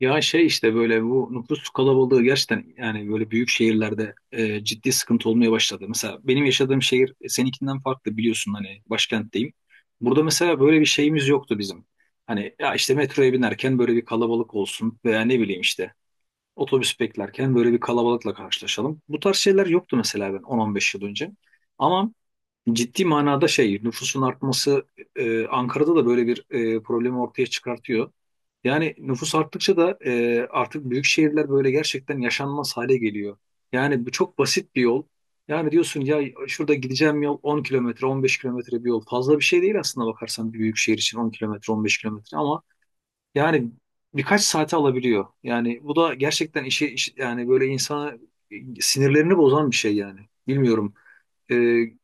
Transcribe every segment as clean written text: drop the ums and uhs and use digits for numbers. Ya şey işte böyle bu nüfus kalabalığı gerçekten yani böyle büyük şehirlerde ciddi sıkıntı olmaya başladı. Mesela benim yaşadığım şehir seninkinden farklı biliyorsun hani başkentteyim. Burada mesela böyle bir şeyimiz yoktu bizim. Hani ya işte metroya binerken böyle bir kalabalık olsun veya ne bileyim işte otobüs beklerken böyle bir kalabalıkla karşılaşalım. Bu tarz şeyler yoktu mesela ben 10-15 yıl önce. Ama ciddi manada şey nüfusun artması Ankara'da da böyle bir problemi ortaya çıkartıyor. Yani nüfus arttıkça da artık büyük şehirler böyle gerçekten yaşanmaz hale geliyor. Yani bu çok basit bir yol. Yani diyorsun ya şurada gideceğim yol 10 kilometre, 15 kilometre bir yol. Fazla bir şey değil aslında bakarsan bir büyük şehir için 10 kilometre, 15 kilometre ama yani birkaç saate alabiliyor. Yani bu da gerçekten işi yani böyle insana sinirlerini bozan bir şey yani. Bilmiyorum. E,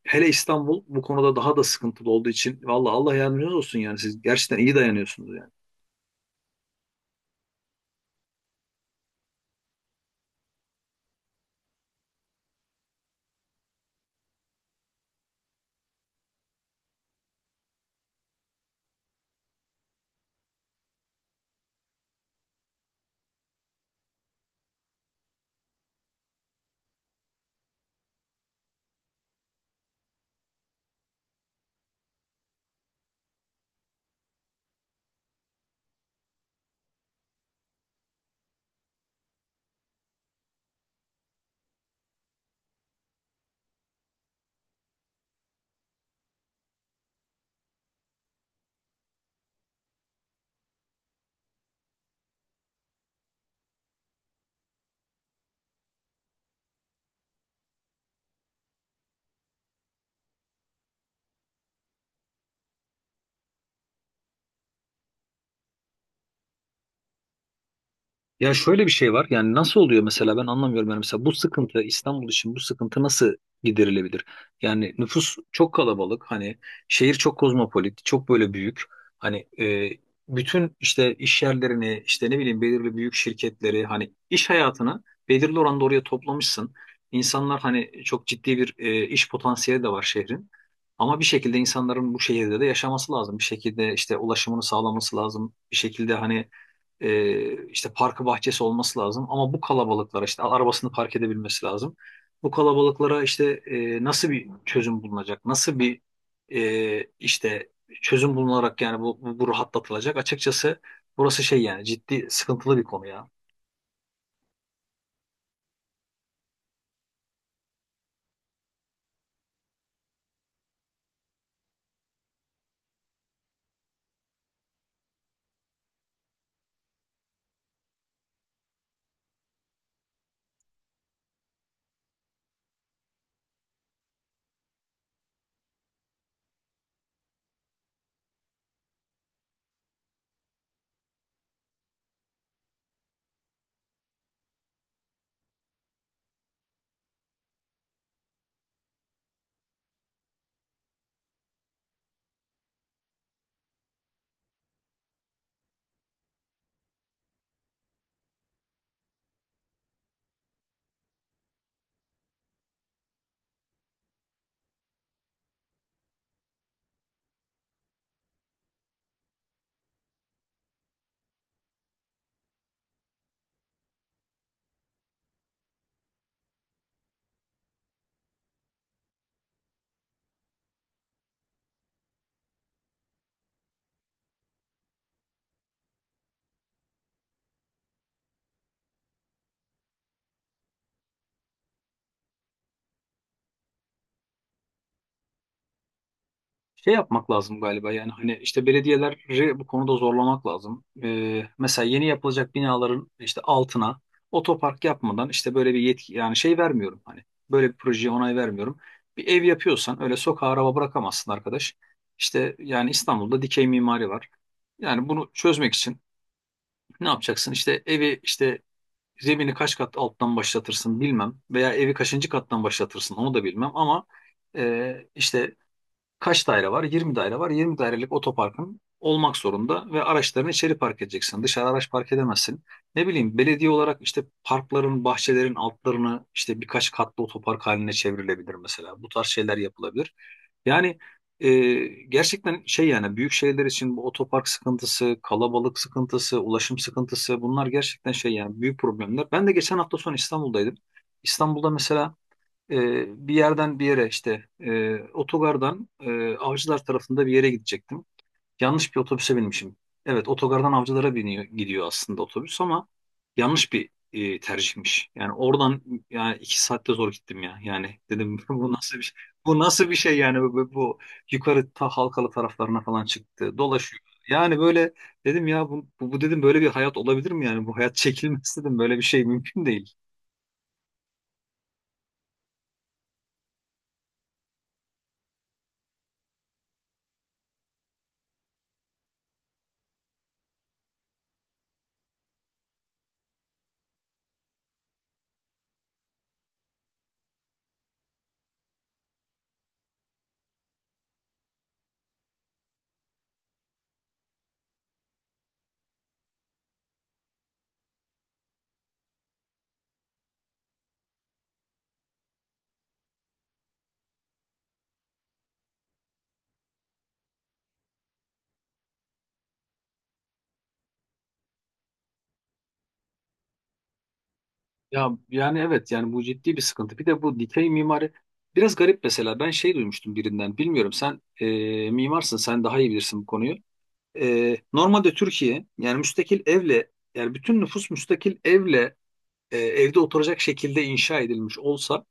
Hele İstanbul bu konuda daha da sıkıntılı olduğu için valla Allah yardımcınız olsun yani siz gerçekten iyi dayanıyorsunuz yani. Ya şöyle bir şey var. Yani nasıl oluyor mesela ben anlamıyorum. Yani mesela bu sıkıntı İstanbul için bu sıkıntı nasıl giderilebilir? Yani nüfus çok kalabalık. Hani şehir çok kozmopolit, çok böyle büyük. Hani bütün işte iş yerlerini, işte ne bileyim belirli büyük şirketleri, hani iş hayatını belirli oranda oraya toplamışsın. İnsanlar hani çok ciddi bir iş potansiyeli de var şehrin. Ama bir şekilde insanların bu şehirde de yaşaması lazım. Bir şekilde işte ulaşımını sağlaması lazım. Bir şekilde hani işte parkı bahçesi olması lazım. Ama bu kalabalıklara işte arabasını park edebilmesi lazım. Bu kalabalıklara işte nasıl bir çözüm bulunacak? Nasıl bir işte çözüm bulunarak yani bu rahatlatılacak? Açıkçası burası şey yani ciddi sıkıntılı bir konu ya. Şey yapmak lazım galiba yani hani işte belediyeleri bu konuda zorlamak lazım. Mesela yeni yapılacak binaların işte altına otopark yapmadan işte böyle bir yetki yani şey vermiyorum hani böyle bir projeye onay vermiyorum. Bir ev yapıyorsan öyle sokağa araba bırakamazsın arkadaş. İşte yani İstanbul'da dikey mimari var. Yani bunu çözmek için ne yapacaksın? İşte evi işte zemini kaç kat alttan başlatırsın bilmem veya evi kaçıncı kattan başlatırsın onu da bilmem ama işte kaç daire var? 20 daire var. 20 dairelik otoparkın olmak zorunda ve araçlarını içeri park edeceksin. Dışarı araç park edemezsin. Ne bileyim belediye olarak işte parkların, bahçelerin altlarını işte birkaç katlı otopark haline çevrilebilir mesela. Bu tarz şeyler yapılabilir. Yani e, gerçekten şey yani büyük şehirler için bu otopark sıkıntısı, kalabalık sıkıntısı, ulaşım sıkıntısı bunlar gerçekten şey yani büyük problemler. Ben de geçen hafta sonu İstanbul'daydım. İstanbul'da mesela bir yerden bir yere işte otogardan Avcılar tarafında bir yere gidecektim. Yanlış bir otobüse binmişim. Evet otogardan Avcılara biniyor, gidiyor aslında otobüs ama yanlış bir tercihmiş. Yani oradan yani iki saatte zor gittim ya. Yani dedim bu nasıl bir şey, bu nasıl bir şey yani bu yukarı ta Halkalı taraflarına falan çıktı dolaşıyor. Yani böyle dedim ya bu dedim böyle bir hayat olabilir mi yani bu hayat çekilmez dedim böyle bir şey mümkün değil. Ya yani evet yani bu ciddi bir sıkıntı. Bir de bu dikey mimari biraz garip mesela. Ben şey duymuştum birinden. Bilmiyorum sen mimarsın sen daha iyi bilirsin bu konuyu. Normalde Türkiye yani müstakil evle yani bütün nüfus müstakil evle evde oturacak şekilde inşa edilmiş olsa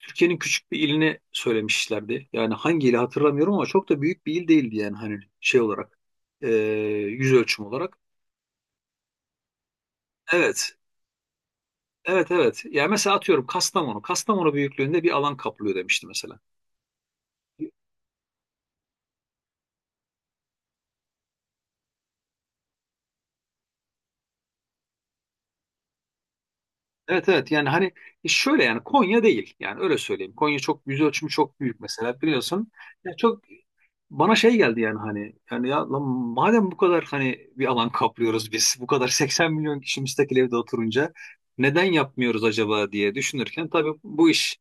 Türkiye'nin küçük bir ilini söylemişlerdi. Yani hangi ili hatırlamıyorum ama çok da büyük bir il değildi yani hani şey olarak e, yüz ölçüm olarak. Evet, evet, evet. Yani mesela atıyorum Kastamonu. Kastamonu büyüklüğünde bir alan kaplıyor demişti mesela. Evet, evet yani hani şöyle yani Konya değil. Yani öyle söyleyeyim. Konya çok yüz ölçümü çok büyük mesela biliyorsun. Ya çok bana şey geldi yani hani yani ya lan madem bu kadar hani bir alan kaplıyoruz biz bu kadar 80 milyon kişi müstakil evde oturunca neden yapmıyoruz acaba diye düşünürken tabii bu iş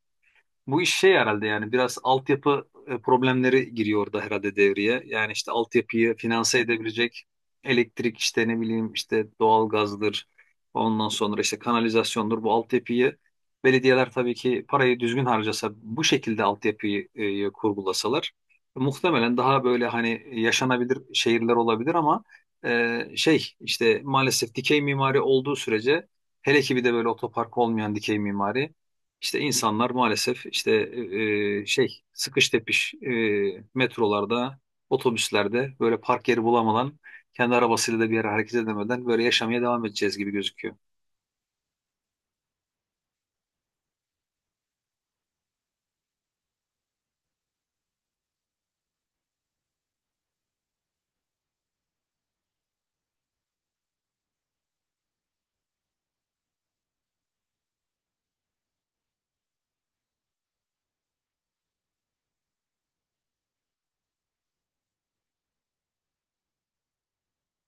Bu iş şey herhalde yani biraz altyapı problemleri giriyor orada herhalde devreye. Yani işte altyapıyı finanse edebilecek elektrik işte ne bileyim işte doğalgazdır. Ondan sonra işte kanalizasyondur. Bu altyapıyı belediyeler tabii ki parayı düzgün harcasa bu şekilde altyapıyı kurgulasalar muhtemelen daha böyle hani yaşanabilir şehirler olabilir ama şey işte maalesef dikey mimari olduğu sürece hele ki bir de böyle otopark olmayan dikey mimari işte insanlar maalesef işte şey sıkış tepiş metrolarda, otobüslerde böyle park yeri bulamadan kendi arabasıyla da bir yere hareket edemeden böyle yaşamaya devam edeceğiz gibi gözüküyor.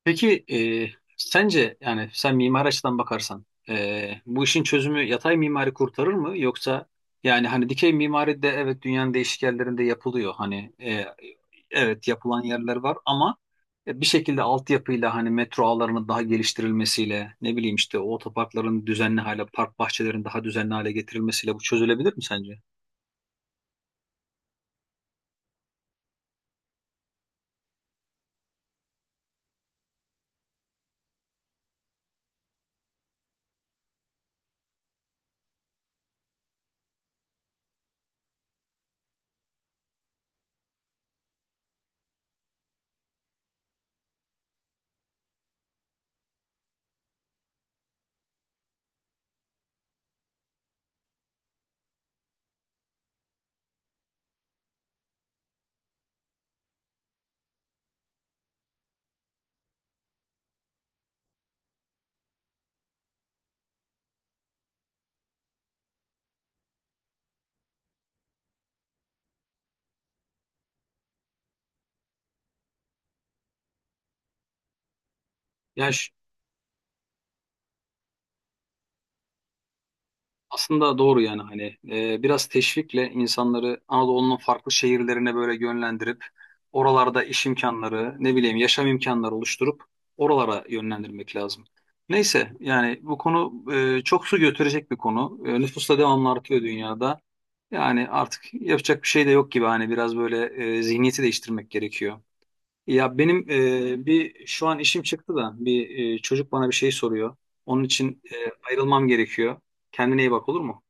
Peki sence yani sen mimari açıdan bakarsan bu işin çözümü yatay mimari kurtarır mı yoksa yani hani dikey mimari de evet dünyanın değişik yerlerinde yapılıyor hani evet yapılan yerler var ama bir şekilde altyapıyla hani metro ağlarının daha geliştirilmesiyle ne bileyim işte o otoparkların düzenli hale park bahçelerinin daha düzenli hale getirilmesiyle bu çözülebilir mi sence? Yani aslında doğru yani hani biraz teşvikle insanları Anadolu'nun farklı şehirlerine böyle yönlendirip oralarda iş imkanları ne bileyim yaşam imkanları oluşturup oralara yönlendirmek lazım. Neyse yani bu konu çok su götürecek bir konu. Nüfus da devamlı artıyor dünyada. Yani artık yapacak bir şey de yok gibi hani biraz böyle zihniyeti değiştirmek gerekiyor. Ya benim bir şu an işim çıktı da bir çocuk bana bir şey soruyor. Onun için ayrılmam gerekiyor. Kendine iyi bak olur mu?